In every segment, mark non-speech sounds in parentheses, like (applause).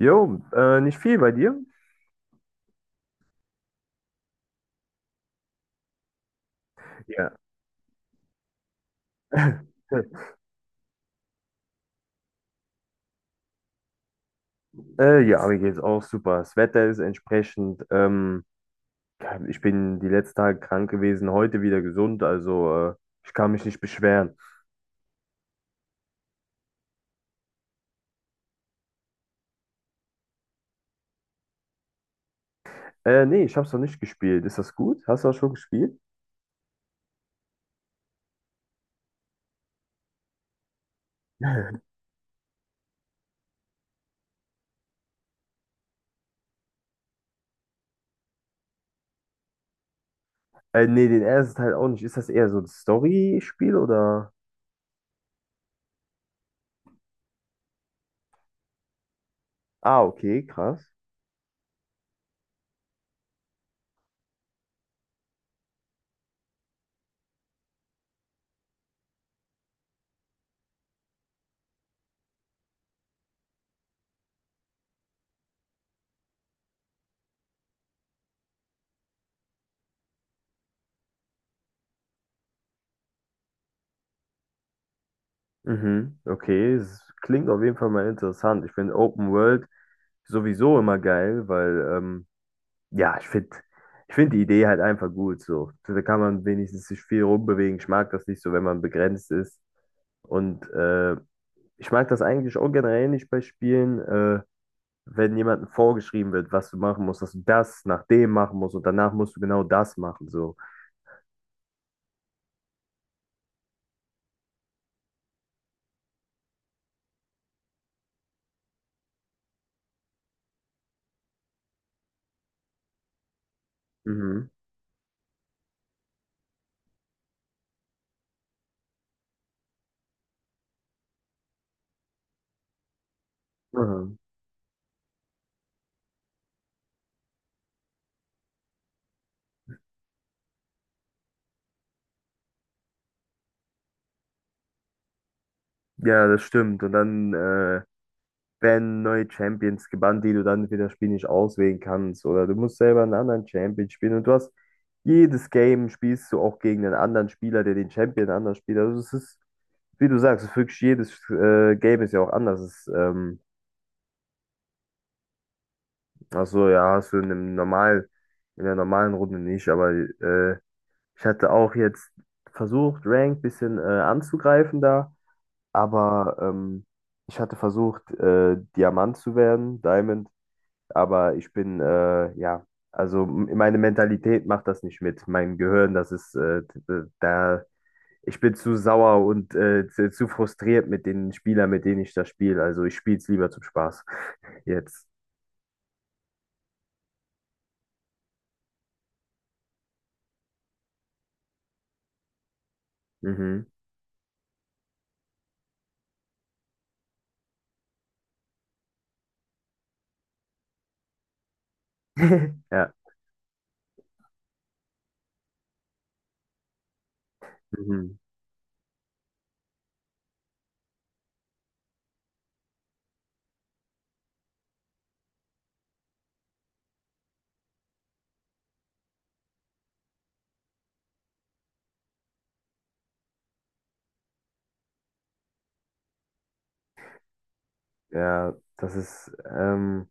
Jo, nicht viel bei dir? Ja. (laughs) Ja, mir geht's auch super. Das Wetter ist entsprechend. Ja, ich bin die letzten Tage krank gewesen, heute wieder gesund, also ich kann mich nicht beschweren. Nee, ich hab's noch nicht gespielt. Ist das gut? Hast du das schon gespielt? (laughs) Nee, den ersten Teil auch nicht. Ist das eher so ein Story-Spiel oder? Ah, okay, krass. Mhm, okay, es klingt auf jeden Fall mal interessant. Ich finde Open World sowieso immer geil, weil, ja, ich find die Idee halt einfach gut so. So, da kann man wenigstens sich viel rumbewegen. Ich mag das nicht so, wenn man begrenzt ist. Und ich mag das eigentlich auch generell nicht bei Spielen, wenn jemandem vorgeschrieben wird, was du machen musst, dass du das nach dem machen musst und danach musst du genau das machen so. Mhm. Mhm. Ja, das stimmt. Und dann werden neue Champions gebannt, die du dann für das Spiel nicht auswählen kannst. Oder du musst selber einen anderen Champion spielen. Und du hast Jedes Game spielst du auch gegen einen anderen Spieler, der den Champion anders spielt. Also es ist, wie du sagst, es ist wirklich jedes Game ist ja auch anders. Also ja, hast du in einem in der normalen Runde nicht, aber ich hatte auch jetzt versucht, Rank ein bisschen anzugreifen da, aber ich hatte versucht, Diamant zu werden, Diamond. Aber ja, also meine Mentalität macht das nicht mit. Mein Gehirn, das ist, da, ich bin zu sauer und zu frustriert mit den Spielern, mit denen ich das spiele. Also ich spiele es lieber zum Spaß. (laughs) Jetzt. Mhm. (laughs) Ja. Mhm. Ja, das ist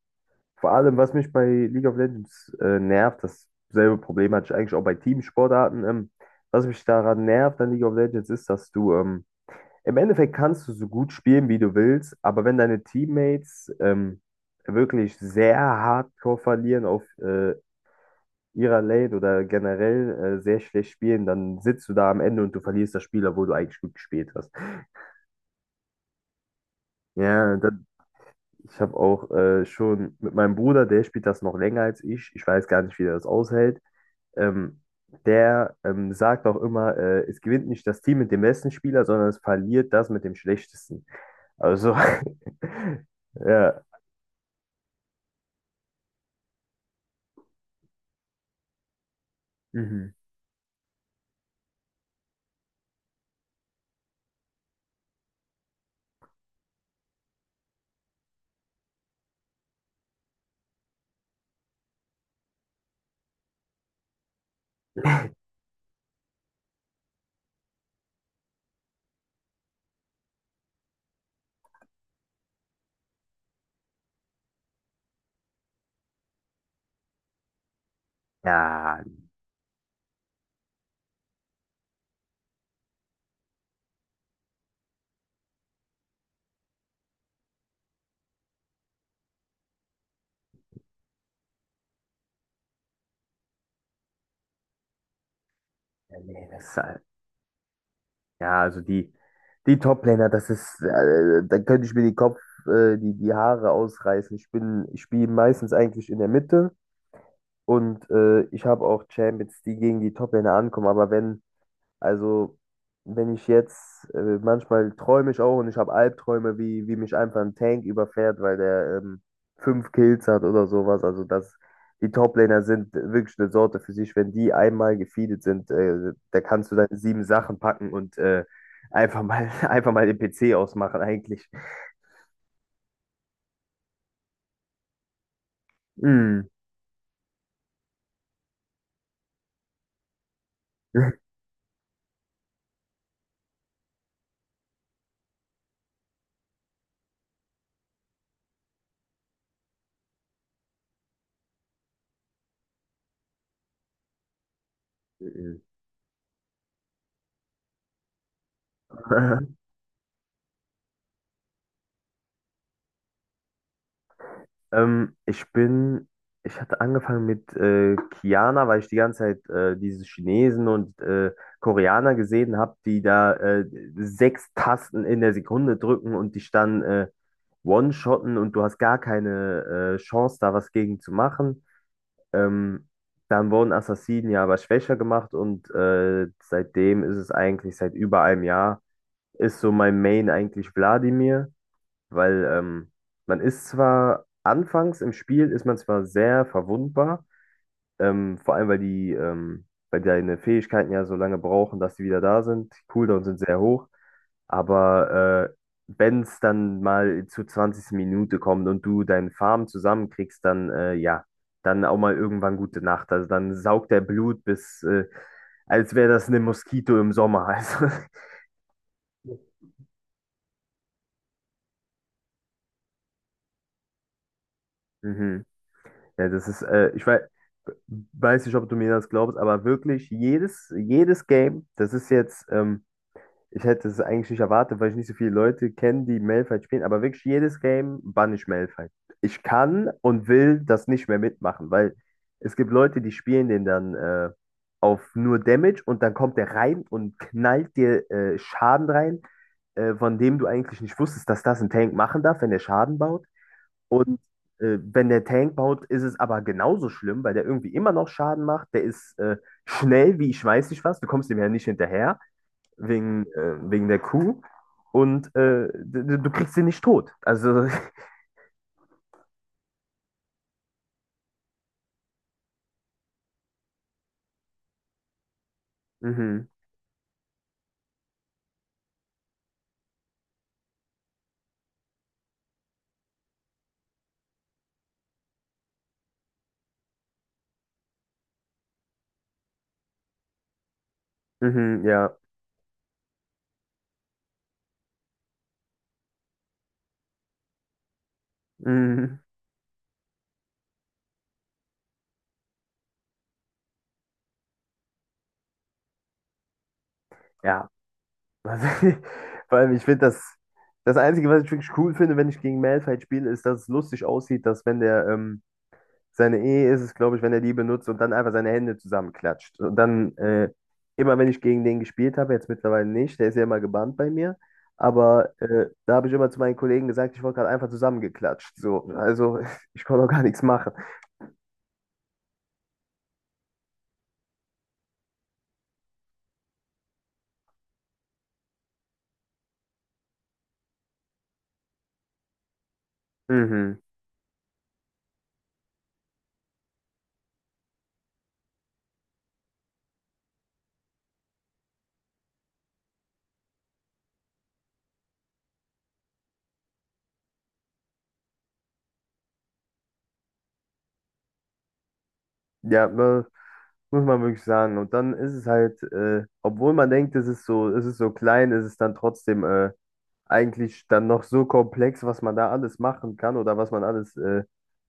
vor allem, was mich bei League of Legends nervt, dasselbe Problem hatte ich eigentlich auch bei Teamsportarten. Was mich daran nervt an League of Legends ist, dass du, im Endeffekt, kannst du so gut spielen, wie du willst, aber wenn deine Teammates wirklich sehr hardcore verlieren auf ihrer Lane oder generell sehr schlecht spielen, dann sitzt du da am Ende und du verlierst das Spiel, obwohl du eigentlich gut gespielt hast. Ja, ich habe auch schon mit meinem Bruder, der spielt das noch länger als ich. Ich weiß gar nicht, wie der das aushält. Ähm, Der sagt auch immer, es gewinnt nicht das Team mit dem besten Spieler, sondern es verliert das mit dem schlechtesten. Also, (laughs) ja. Mhm. Ja, nee, nee, das ist halt, ja, also die Top-Laner, da könnte ich mir die Haare ausreißen. Ich spiele meistens eigentlich in der Mitte und ich habe auch Champions, die gegen die Top-Laner ankommen, aber wenn also, wenn ich jetzt, manchmal träume ich auch und ich habe Albträume, wie mich einfach ein Tank überfährt, weil der, fünf Kills hat oder sowas. Also, die Toplaner sind wirklich eine Sorte für sich. Wenn die einmal gefeedet sind, da kannst du deine sieben Sachen packen und einfach mal, (laughs) einfach mal den PC ausmachen, eigentlich. Mm. (laughs) Ähm, ich bin, Ich hatte angefangen mit Kiana, weil ich die ganze Zeit diese Chinesen und Koreaner gesehen habe, die da sechs Tasten in der Sekunde drücken und dich dann one-shotten und du hast gar keine Chance, da was gegen zu machen. Ähm, Dann wurden Assassinen ja aber schwächer gemacht und seitdem ist es eigentlich seit über einem Jahr, ist so mein Main eigentlich Wladimir, weil man ist zwar anfangs im Spiel, ist man zwar sehr verwundbar, vor allem weil deine Fähigkeiten ja so lange brauchen, dass sie wieder da sind. Die Cooldowns sind sehr hoch, aber wenn es dann mal zur 20. Minute kommt und du deinen Farm zusammenkriegst, dann ja, dann auch mal irgendwann gute Nacht. Also dann saugt der Blut, als wäre das eine Moskito im Sommer. Also, (laughs) mhm. Ja, das ist, weiß nicht, ob du mir das glaubst, aber wirklich jedes Game, ich hätte es eigentlich nicht erwartet, weil ich nicht so viele Leute kenne, die Malphite spielen, aber wirklich jedes Game banne ich Malphite. Ich kann und will das nicht mehr mitmachen, weil es gibt Leute, die spielen den dann auf nur Damage und dann kommt der rein und knallt dir Schaden rein, von dem du eigentlich nicht wusstest, dass das ein Tank machen darf, wenn der Schaden baut. Und wenn der Tank baut, ist es aber genauso schlimm, weil der irgendwie immer noch Schaden macht. Der ist schnell wie ich weiß nicht was. Du kommst dem ja nicht hinterher, wegen der Kuh. Du kriegst ihn nicht tot. Also, (laughs) mhm, mhm, ja. Mhm, ja. Also, (laughs) vor allem, ich finde das. Das Einzige, was ich wirklich cool finde, wenn ich gegen Malphite spiele, ist, dass es lustig aussieht, dass wenn seine Ehe ist es, glaube ich, wenn er die benutzt und dann einfach seine Hände zusammenklatscht. Und dann, immer wenn ich gegen den gespielt habe, jetzt mittlerweile nicht, der ist ja immer gebannt bei mir, aber da habe ich immer zu meinen Kollegen gesagt, ich wurde gerade einfach zusammengeklatscht. So, also (laughs) ich konnte auch gar nichts machen. Mhm. Ja, muss man wirklich sagen. Und dann ist es halt, obwohl man denkt, es ist so klein, ist es dann trotzdem eigentlich dann noch so komplex, was man da alles machen kann oder was man alles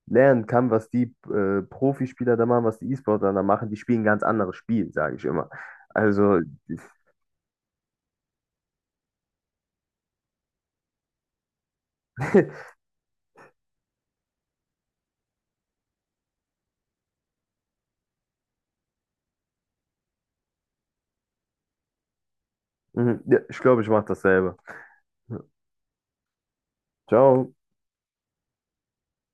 lernen kann, was die Profispieler da machen, was die E-Sportler da machen. Die spielen ein ganz anderes Spiel, sage ich immer. Also, (laughs) mhm, ja, ich glaube, ich mache dasselbe. Ja. Ciao.